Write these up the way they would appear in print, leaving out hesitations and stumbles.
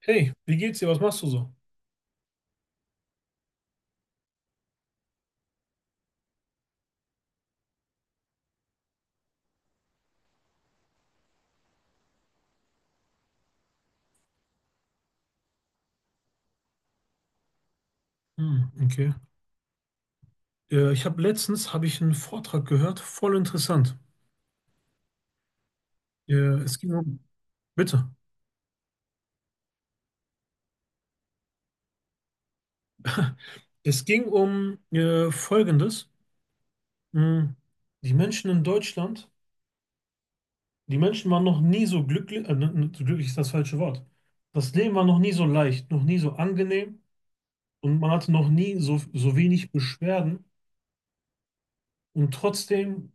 Hey, wie geht's dir? Was machst du so? Hm, okay. Ich habe letztens habe ich einen Vortrag gehört, voll interessant. Äh, es ging um, bitte. Es ging um Folgendes. Hm, Die Menschen in Deutschland, die Menschen waren noch nie so glücklich, glücklich ist das falsche Wort. Das Leben war noch nie so leicht, noch nie so angenehm und man hatte noch nie so wenig Beschwerden und trotzdem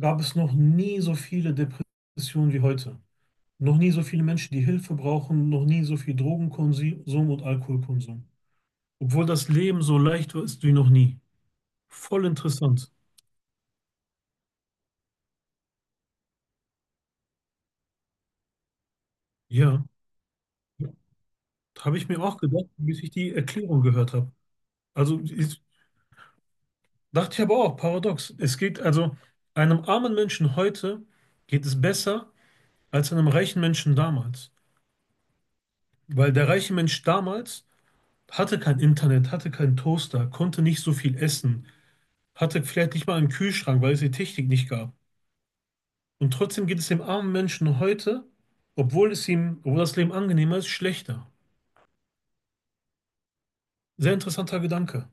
gab es noch nie so viele Depressionen wie heute. Noch nie so viele Menschen, die Hilfe brauchen, noch nie so viel Drogenkonsum und Alkoholkonsum. Obwohl das Leben so leicht war, ist wie noch nie. Voll interessant. Ja, habe ich mir auch gedacht, bis ich die Erklärung gehört habe. Also dachte ich aber auch, paradox. Einem armen Menschen heute geht es besser als einem reichen Menschen damals. Weil der reiche Mensch damals hatte kein Internet, hatte keinen Toaster, konnte nicht so viel essen, hatte vielleicht nicht mal einen Kühlschrank, weil es die Technik nicht gab. Und trotzdem geht es dem armen Menschen heute, obwohl es obwohl das Leben angenehmer ist, schlechter. Sehr interessanter Gedanke.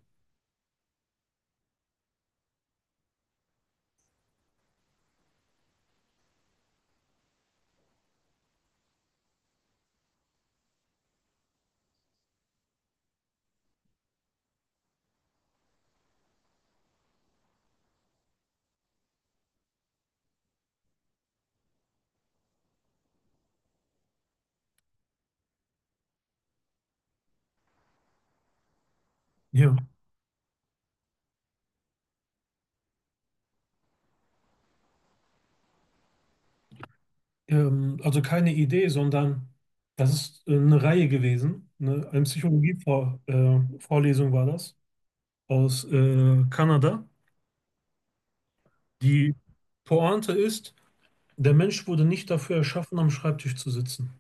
Ja. Also keine Idee, sondern das ist eine Reihe gewesen. Ne? Eine Psychologie-Vorlesung Vorlesung war das aus Kanada. Die Pointe ist, der Mensch wurde nicht dafür erschaffen, am Schreibtisch zu sitzen.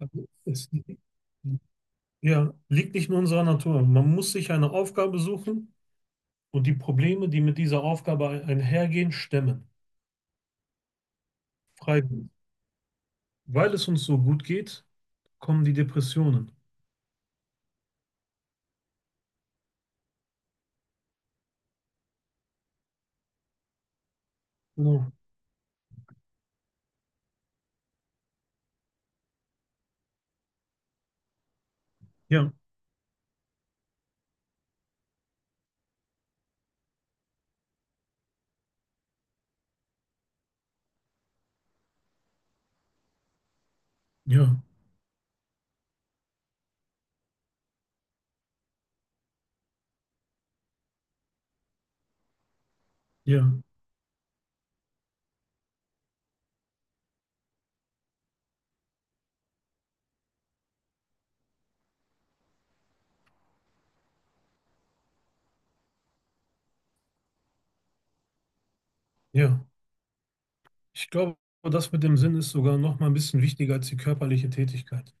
Also ja, liegt nicht in unserer Natur. Man muss sich eine Aufgabe suchen und die Probleme, die mit dieser Aufgabe einhergehen, stemmen. Freiwillig. Weil es uns so gut geht, kommen die Depressionen. Genau. Ja, ja, ja, ja. Ich glaube, das mit dem Sinn ist sogar noch mal ein bisschen wichtiger als die körperliche Tätigkeit.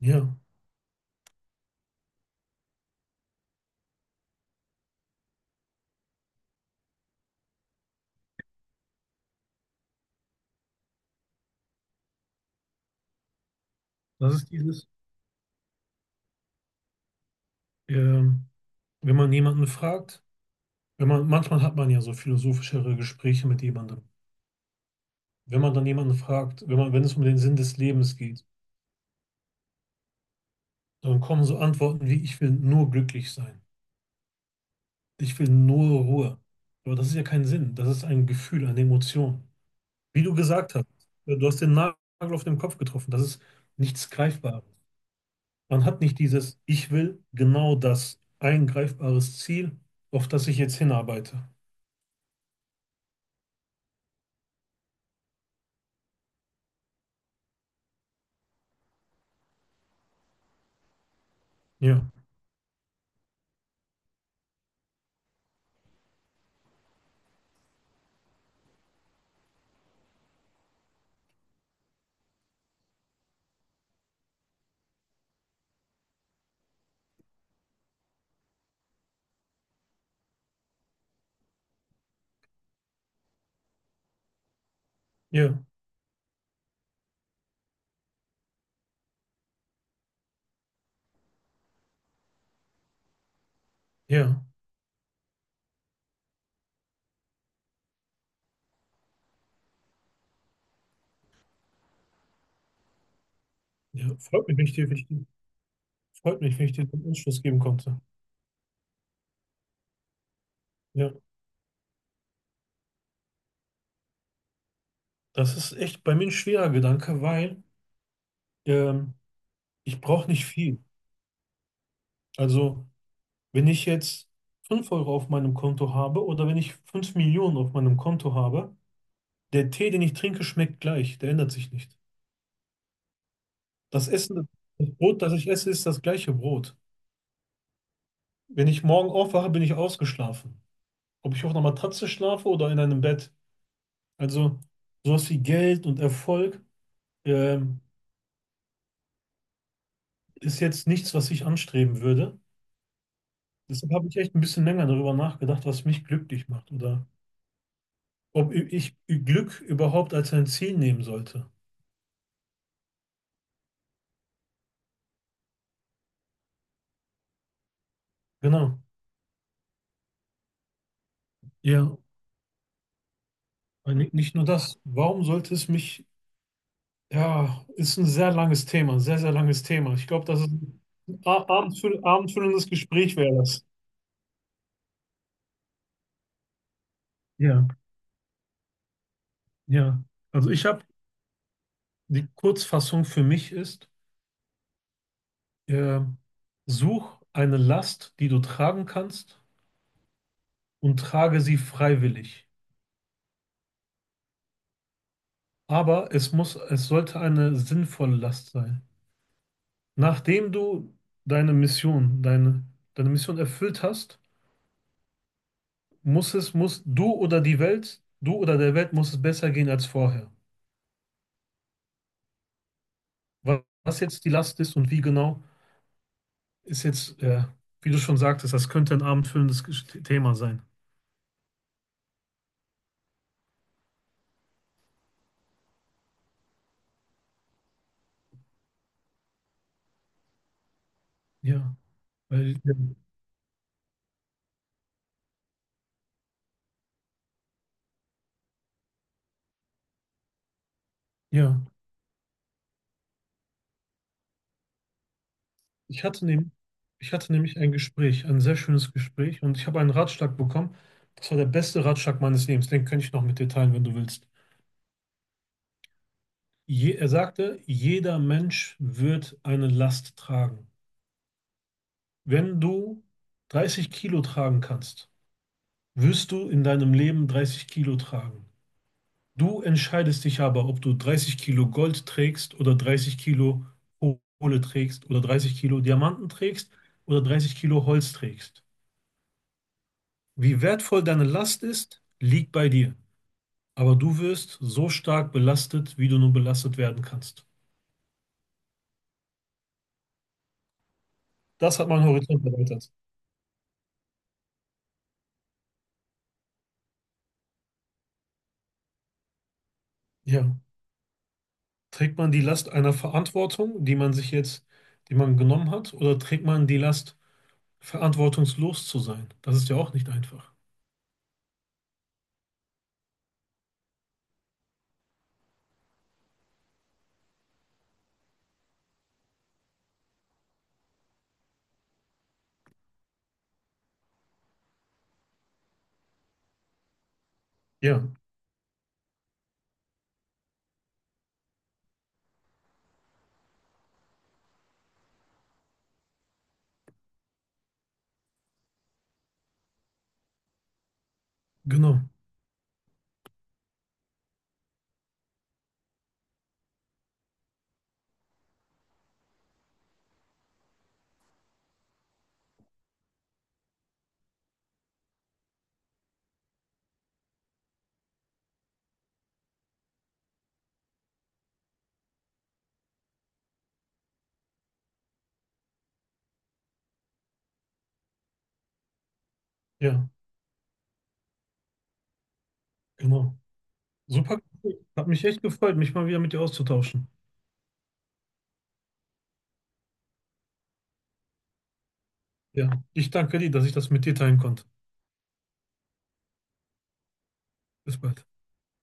Ja, das ist dieses, ähm, wenn man jemanden fragt, wenn man, manchmal hat man ja so philosophischere Gespräche mit jemandem. Wenn man dann jemanden fragt, wenn es um den Sinn des Lebens geht, dann kommen so Antworten wie, ich will nur glücklich sein. Ich will nur Ruhe. Aber das ist ja kein Sinn. Das ist ein Gefühl, eine Emotion. Wie du gesagt hast, du hast den Nagel auf den Kopf getroffen. Das ist nichts Greifbares. Man hat nicht dieses, ich will genau das, ein greifbares Ziel, auf das ich jetzt hinarbeite. Ja, ja, ja, ja. Freut mich, wenn ich dir, wenn ich dir, freut mich, wenn ich dir den Anschluss geben konnte. Ja, das ist echt bei mir ein schwerer Gedanke, weil ähm, ich brauche nicht viel. Also wenn ich jetzt 5 Euro auf meinem Konto habe oder wenn ich 5 Millionen auf meinem Konto habe, der Tee, den ich trinke, schmeckt gleich, der ändert sich nicht. Das Essen, das Brot, das ich esse, ist das gleiche Brot. Wenn ich morgen aufwache, bin ich ausgeschlafen. Ob ich auf einer Matratze schlafe oder in einem Bett. Also sowas wie Geld und Erfolg ähm, ist jetzt nichts, was ich anstreben würde. Deshalb habe ich echt ein bisschen länger darüber nachgedacht, was mich glücklich macht oder ob ich Glück überhaupt als ein Ziel nehmen sollte. Genau. Ja, nicht nur das. Warum sollte es mich, ja, ist ein sehr langes Thema, ein sehr, sehr langes Thema. Ich glaube, das ist ein abendfüllendes Gespräch wäre das. Ja, ja. Also die Kurzfassung für mich ist, äh, such eine Last, die du tragen kannst und trage sie freiwillig. Aber es muss, es sollte eine sinnvolle Last sein. Nachdem du deine Mission, deine, deine Mission erfüllt hast, muss du oder die Welt, du oder der Welt muss es besser gehen als vorher. Was jetzt die Last ist und wie genau, ist jetzt, wie du schon sagtest, das könnte ein abendfüllendes Thema sein. Ja, weil, ja, ich hatte nämlich, ich hatte nämlich ein Gespräch, ein sehr schönes Gespräch und ich habe einen Ratschlag bekommen. Das war der beste Ratschlag meines Lebens. Den könnte ich noch mit dir teilen, wenn du willst. Er sagte, jeder Mensch wird eine Last tragen. Wenn du 30 Kilo tragen kannst, wirst du in deinem Leben 30 Kilo tragen? Du entscheidest dich aber, ob du 30 Kilo Gold trägst oder 30 Kilo Kohle trägst oder 30 Kilo Diamanten trägst oder 30 Kilo Holz trägst. Wie wertvoll deine Last ist, liegt bei dir. Aber du wirst so stark belastet, wie du nur belastet werden kannst. Das hat meinen Horizont erweitert. Ja. Trägt man die Last einer Verantwortung, die man sich jetzt, die man genommen hat, oder trägt man die Last, verantwortungslos zu sein? Das ist ja auch nicht einfach. Ja, genau. Ja, genau. Super cool. Hat mich echt gefreut, mich mal wieder mit dir auszutauschen. Ja, ich danke dir, dass ich das mit dir teilen konnte. Bis bald.